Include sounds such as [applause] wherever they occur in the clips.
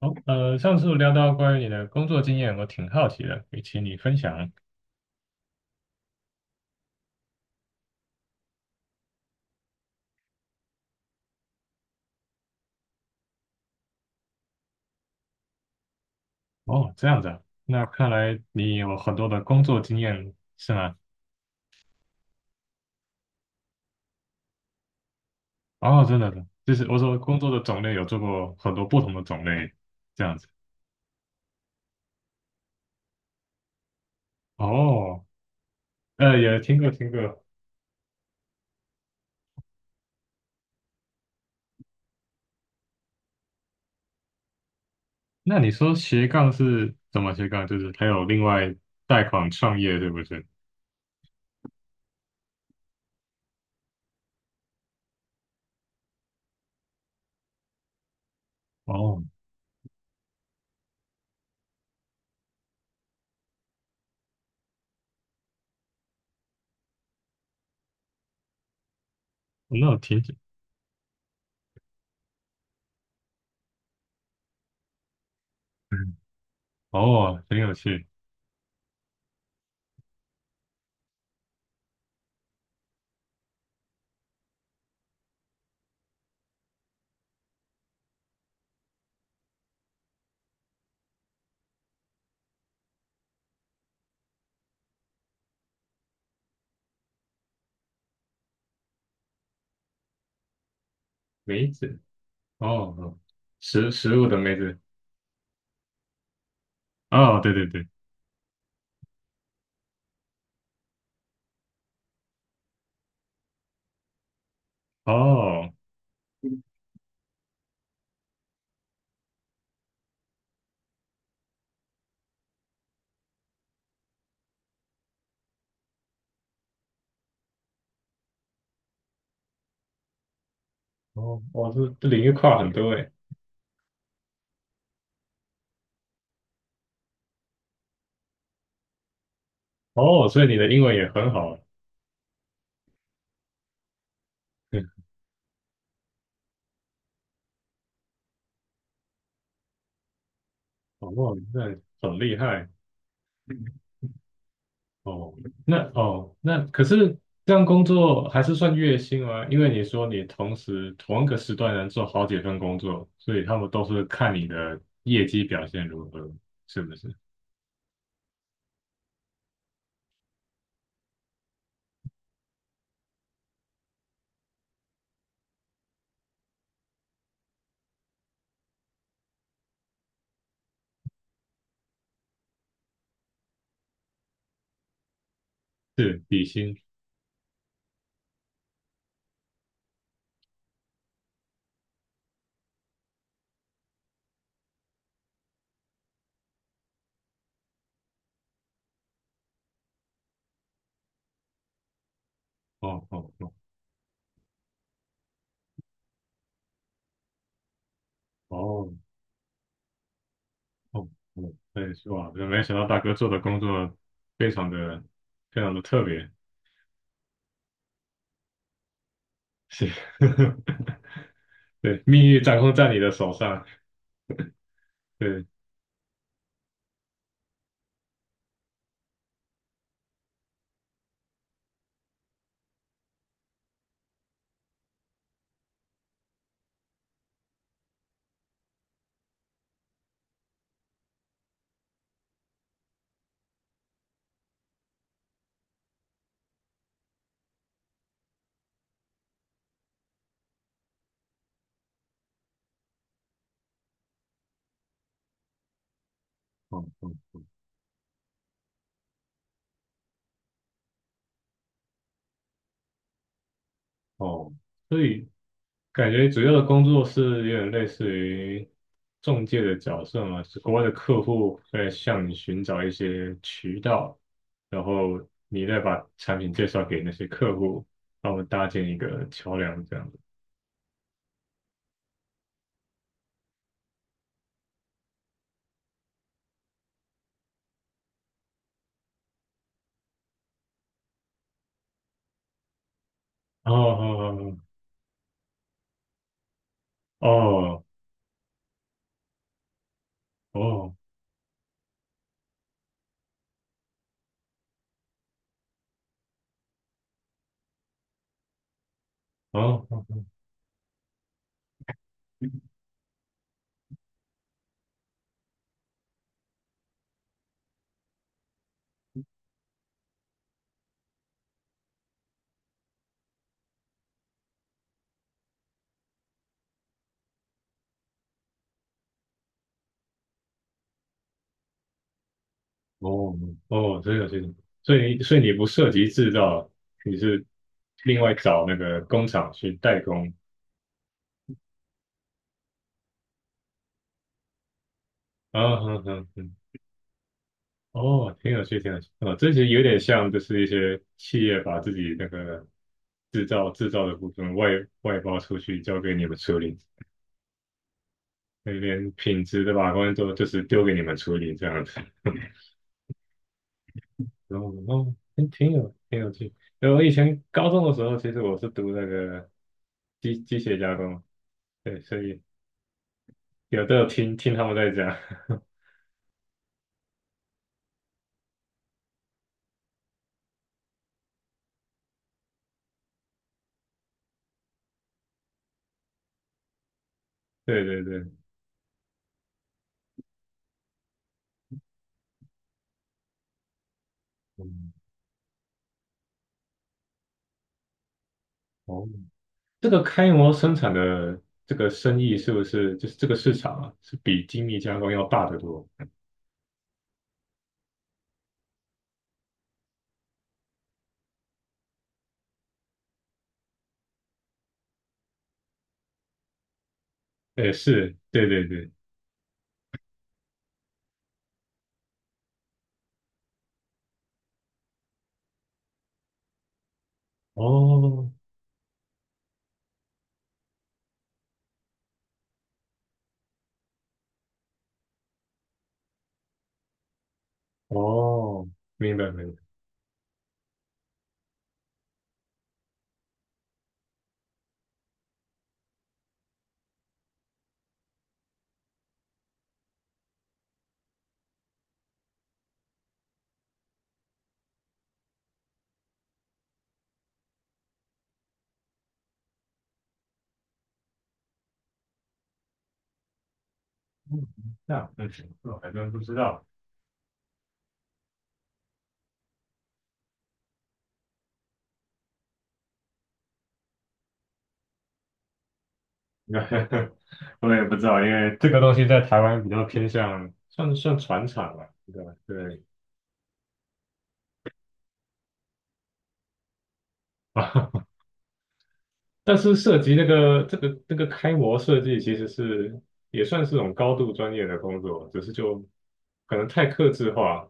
好，上次聊到关于你的工作经验，我挺好奇的，也请你分享。哦，这样子啊，那看来你有很多的工作经验，是吗？哦，真的，就是我说工作的种类有做过很多不同的种类，这样子。哦，也听过听过。那你说斜杠是怎么斜杠？就是还有另外贷款创业，对不对？哦，那我挺，嗯，哦，很有趣。梅子，哦，哦食物的梅子。哦，对对对。哦，哦，哦，这领域跨很多诶。哦，所以你的英文也很好，嗯，[laughs] 哦，哇，那很厉害哦。那哦，那可是这样工作还是算月薪吗？因为你说你同时同一个时段能做好几份工作，所以他们都是看你的业绩表现如何，是不是？是底薪。哦哦哦哦哦哦，对，哇，真没想到大哥做的工作非常的非常的特别，是。[laughs] 对，命运掌控在你的手上。对，哦哦哦，所以感觉主要的工作是有点类似于中介的角色嘛，是国外的客户在向你寻找一些渠道，然后你再把产品介绍给那些客户，帮我们搭建一个桥梁这样子。哦哦哦哦哦哦哦哦，这个，所以你不涉及制造，你是另外找那个工厂去代工啊，哼哼哼，哦，挺有趣，挺有趣。哦，这其有点像，就是一些企业把自己那个制造的部分外包出去，交给你们处理，那边品质的把关都就是丢给你们处理这样子。然后，哦，挺有趣。因为我以前高中的时候，其实我是读那个机械加工，对，所以都有听听他们在讲。[laughs] 对对对，嗯，哦。这个开模生产的这个生意是不是就是这个市场啊，是比精密加工要大得多？哎，是，对对对，哦哦，明白明白，嗯这样，嗯，我还真不知道，[laughs] 我也不知道，因为这个东西在台湾比较偏向算算船厂吧，对吧？对 [laughs] 但是涉及那个这个开模设计，其实是也算是种高度专业的工作，只是就可能太克制化。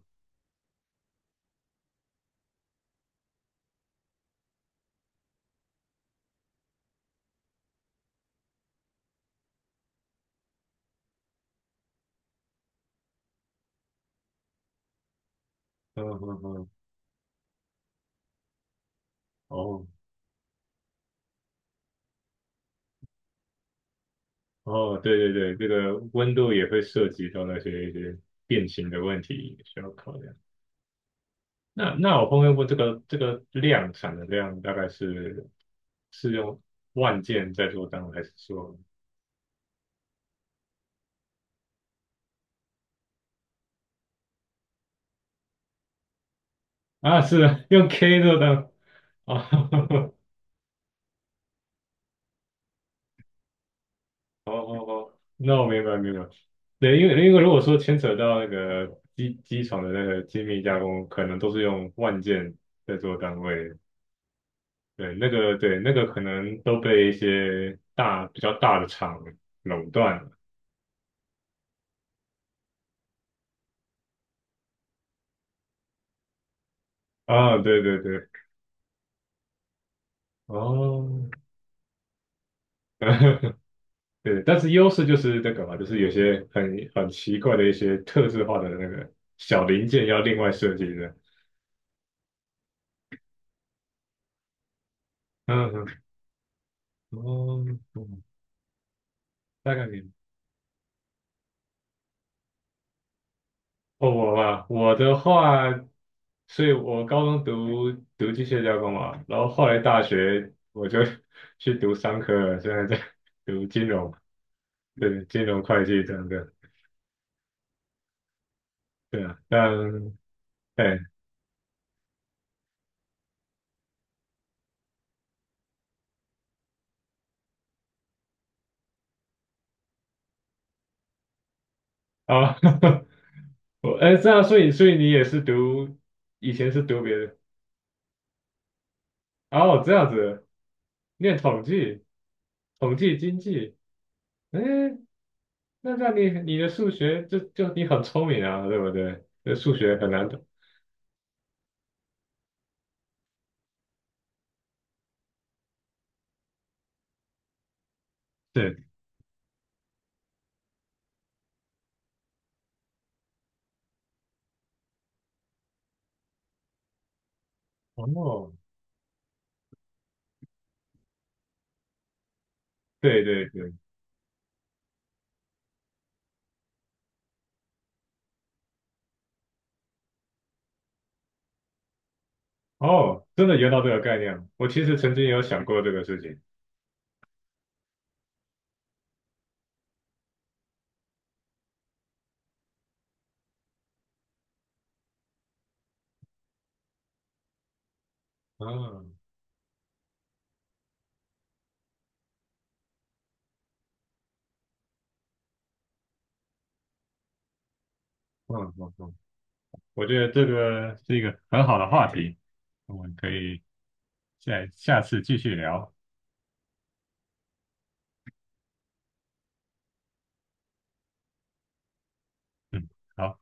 嗯嗯嗯，哦哦，对对对，这个温度也会涉及到那些一些变形的问题需要考量。那我后面问这个这个量产的量大概是用万件在做单位，还是说啊是啊用 K 做单位？哦 [laughs]，哦哦哦，那我明白明白。对，因为如果说牵扯到那个机床的那个精密加工，可能都是用万件在做单位，对，那个对那个可能都被一些比较大的厂垄断了啊，对对对，哦，对，但是优势就是那个嘛，就是有些很奇怪的一些特制化的那个小零件要另外设计的，嗯哼，哦，嗯大概明白哦，我嘛，我的话，所以我高中读机械加工嘛，然后后来大学我就 [laughs] 去读商科了，现在在 [laughs] 读金融，对，金融会计这样的。对啊，但哎啊，[laughs] 我这样，所以你也是读以前是读别的哦，这样子念统计、统计经济，哎，那这样你的数学就你很聪明啊，对不对？这数学很难的，对，哦，对对对，哦，真的有到这个概念，我其实曾经有想过这个事情，嗯嗯嗯嗯，我觉得这个是一个很好的话题，我们可以。再下次继续聊。嗯，好。